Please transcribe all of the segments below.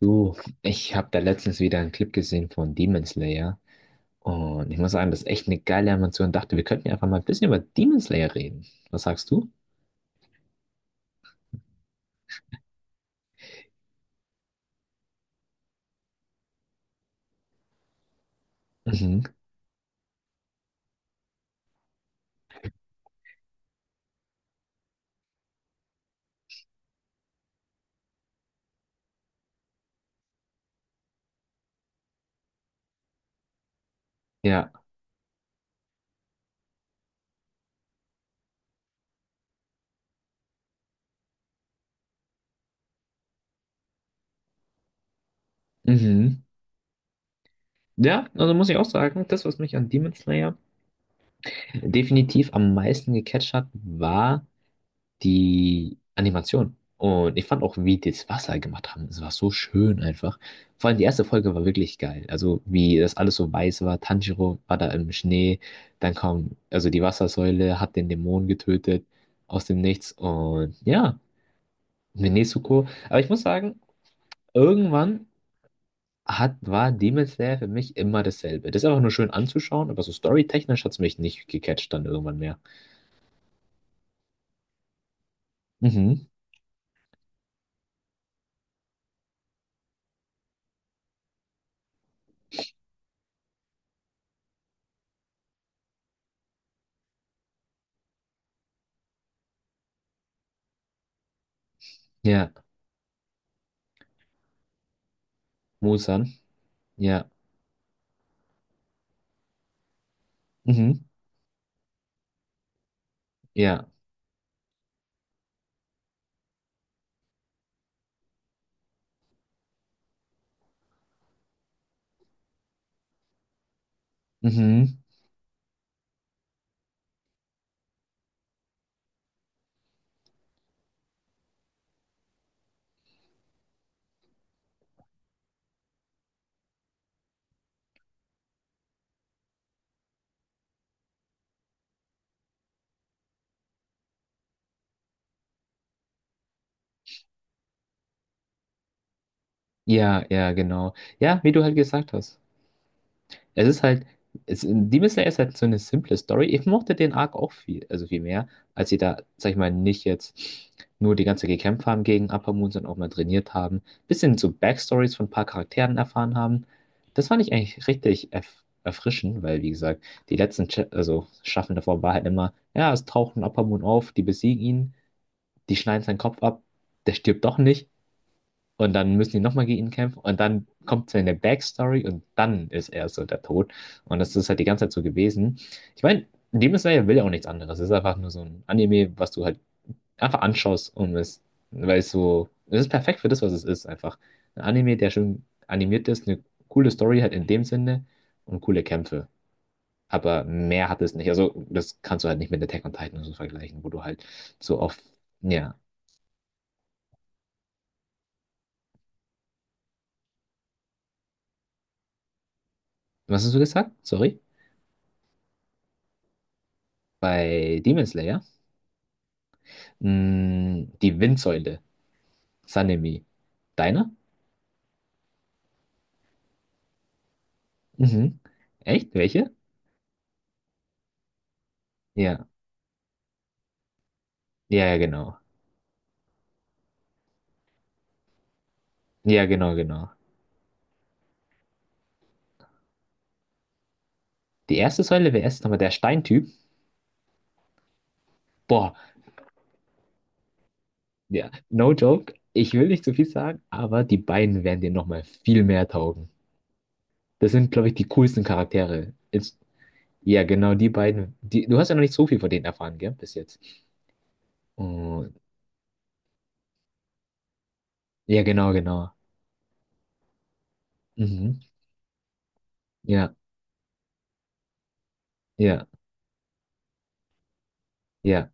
Du, ich habe da letztens wieder einen Clip gesehen von Demon Slayer und ich muss sagen, das ist echt eine geile Animation. Dachte, wir könnten ja einfach mal ein bisschen über Demon Slayer reden. Was sagst du? Mhm. Ja. Mhm. Ja, also muss ich auch sagen, das, was mich an Demon Slayer definitiv am meisten gecatcht hat, war, die Animation. Und ich fand auch, wie die das Wasser gemacht haben, es war so schön einfach. Vor allem die erste Folge war wirklich geil. Also wie das alles so weiß war, Tanjiro war da im Schnee, dann kam, also die Wassersäule hat den Dämon getötet aus dem Nichts und ja, mit Nezuko. Aber ich muss sagen, irgendwann war Demon Slayer für mich immer dasselbe. Das ist einfach nur schön anzuschauen, aber so storytechnisch hat es mich nicht gecatcht dann irgendwann mehr. Mhm. Ja, Muzan. Ja. Mhm. Ja. Mhm. Ja, ja, genau. Ja, wie du halt gesagt hast. Es ist halt, Demon Slayer ist halt so eine simple Story. Ich mochte den Arc auch viel, also viel mehr, als sie da, sag ich mal, nicht jetzt nur die ganze Zeit gekämpft haben gegen Upper Moon, sondern auch mal trainiert haben. Bisschen so Backstories von ein paar Charakteren erfahren haben. Das fand ich eigentlich richtig erfrischend, weil, wie gesagt, die letzten Cha also Staffeln davor war halt immer, ja, es taucht ein Upper Moon auf, die besiegen ihn, die schneiden seinen Kopf ab, der stirbt doch nicht. Und dann müssen die nochmal gegen ihn kämpfen. Und dann kommt seine Backstory und dann ist er so der Tod. Und das ist halt die ganze Zeit so gewesen. Ich meine, Demon Slayer will ja auch nichts anderes. Es ist einfach nur so ein Anime, was du halt einfach anschaust und es, weil es so, es ist perfekt für das, was es ist, einfach. Ein Anime, der schön animiert ist, eine coole Story halt in dem Sinne und coole Kämpfe. Aber mehr hat es nicht. Also, das kannst du halt nicht mit Attack on Titan und so vergleichen, wo du halt so oft, ja. Was hast du gesagt? Sorry? Bei Demon Slayer? Die Windsäule. Sanemi. Deiner? Mhm. Echt? Welche? Ja. Ja, ja, genau. Ja, genau, genau. Die erste Säule wäre erst nochmal der Steintyp. Boah, ja, no joke. Ich will nicht zu viel sagen, aber die beiden werden dir nochmal viel mehr taugen. Das sind, glaube ich, die coolsten Charaktere. Ist, ja, genau, die beiden. Die, du hast ja noch nicht so viel von denen erfahren, gell, bis jetzt. Und, ja, genau, genau. Mhm. Ja, ja, ja.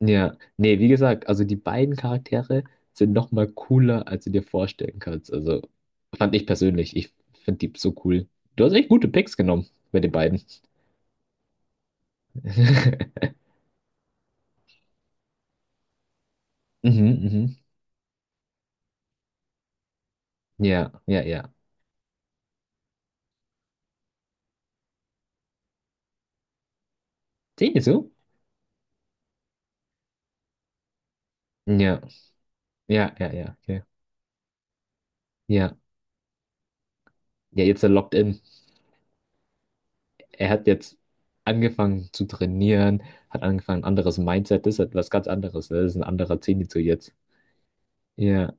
Ja, nee, wie gesagt, also die beiden Charaktere sind noch mal cooler, als du dir vorstellen kannst. Also fand ich persönlich, ich finde die so cool. Du hast echt gute Picks genommen bei den beiden. Mhm, mhm. Ja, ja, ja. Sehen die so? Ja, ja, ja, ja, okay. Ja, ja, jetzt er locked in. Er hat jetzt angefangen zu trainieren, hat angefangen, ein anderes Mindset, das ist etwas ganz anderes, ne? Das ist ein anderer Zenitsu jetzt. Ja,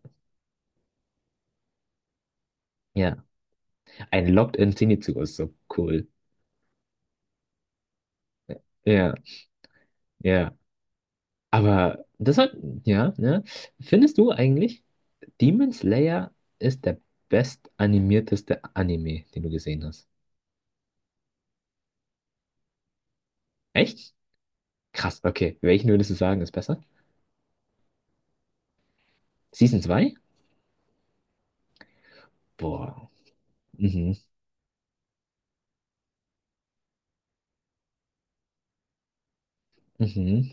ja. Ein locked in Zenitsu ist so cool. Ja, ja. Aber das ja, ne? Findest du eigentlich, Demon Slayer ist der bestanimierteste Anime, den du gesehen hast? Echt? Krass, okay. Welchen würdest du sagen, ist besser? Season zwei. Boah. Mhm, mhm.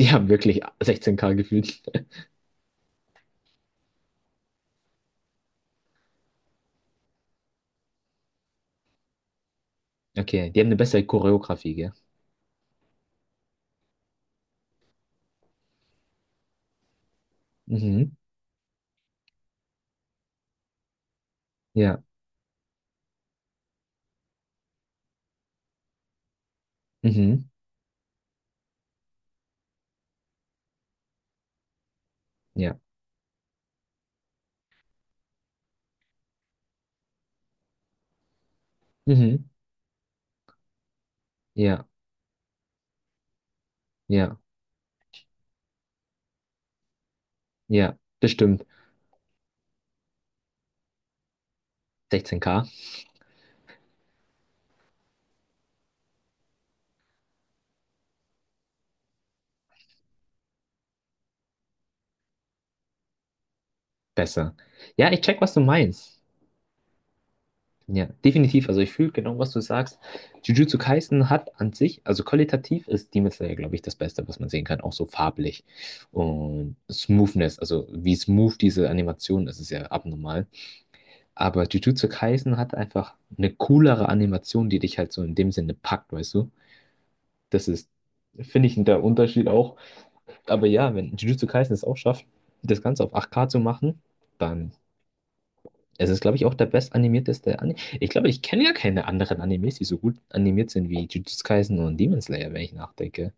Die haben wirklich 16K gefühlt. Okay, die haben eine bessere Choreografie, gell? Mhm, ja, mhm, ja, mhm, ja, ja, ja, bestimmt. 16K, besser. Ja, ich check, was du meinst. Ja, definitiv. Also ich fühle genau, was du sagst. Jujutsu Kaisen hat an sich, also qualitativ ist Demon Slayer, glaube ich, das Beste, was man sehen kann, auch so farblich. Und Smoothness, also wie smooth diese Animation ist, ist ja abnormal. Aber Jujutsu Kaisen hat einfach eine coolere Animation, die dich halt so in dem Sinne packt, weißt du? Das ist, finde ich, der Unterschied auch. Aber ja, wenn Jujutsu Kaisen es auch schafft, das Ganze auf 8K zu machen, dann es ist, glaube ich, auch der bestanimierteste Anime. Ich glaube, ich kenne ja keine anderen Animes, die so gut animiert sind wie Jujutsu Kaisen und Demon Slayer, wenn ich nachdenke.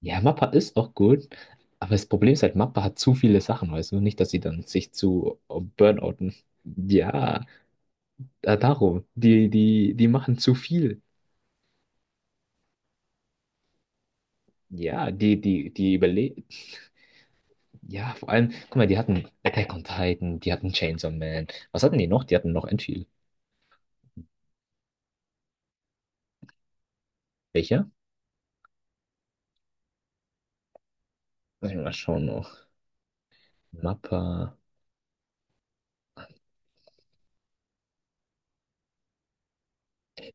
Ja, Mappa ist auch gut, aber das Problem ist halt, Mappa hat zu viele Sachen, weißt du? Nicht, dass sie dann sich zu burnouten. Ja, darum. Die machen zu viel. Ja, die überleben. Ja, vor allem, guck mal, die hatten Attack on Titan, die hatten Chainsaw Man. Was hatten die noch? Die hatten noch ein viel. Welcher? Lass mich mal schauen noch. Mappa.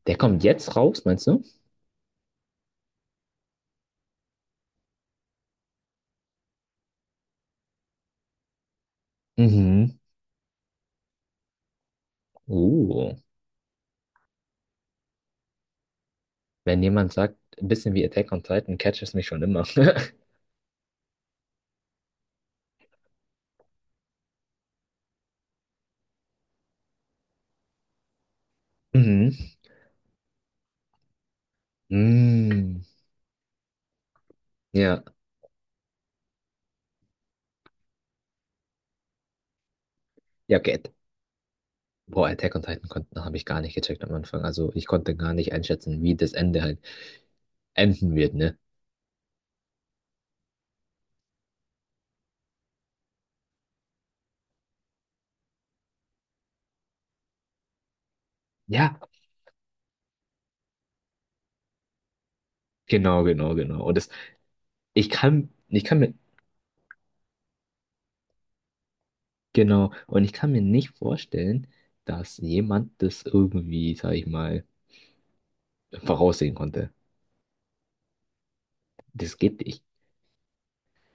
Der kommt jetzt raus, meinst du? Mhm. Uh. Wenn jemand sagt, ein bisschen wie Attack on Titan, catcht es mich schon immer. Mhm. Mm. Ja, ja, geht. Boah, Attack on Titan konnten, habe ich gar nicht gecheckt am Anfang. Also ich konnte gar nicht einschätzen, wie das Ende halt enden wird, ne? Ja, genau, genau, genau. Und das, ich kann mir, genau, und ich kann mir nicht vorstellen, dass jemand das irgendwie, sag ich mal, voraussehen konnte. Das geht nicht.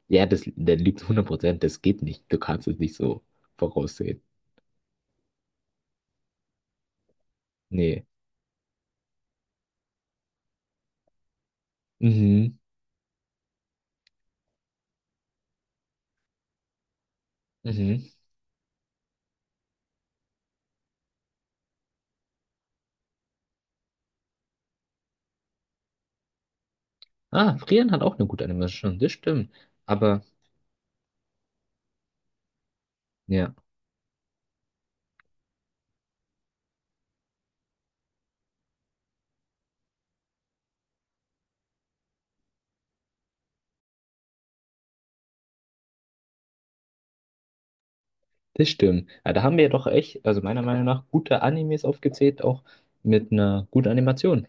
Ja, das, der liegt 100%, das geht nicht. Du kannst es nicht so voraussehen. Nee. Mhm. Mhm. Ah, Frieren hat auch eine gute Animation, das stimmt. Aber, ja, das stimmt. Ja, da haben wir doch echt, also meiner Meinung nach, gute Animes aufgezählt, auch mit einer guten Animation.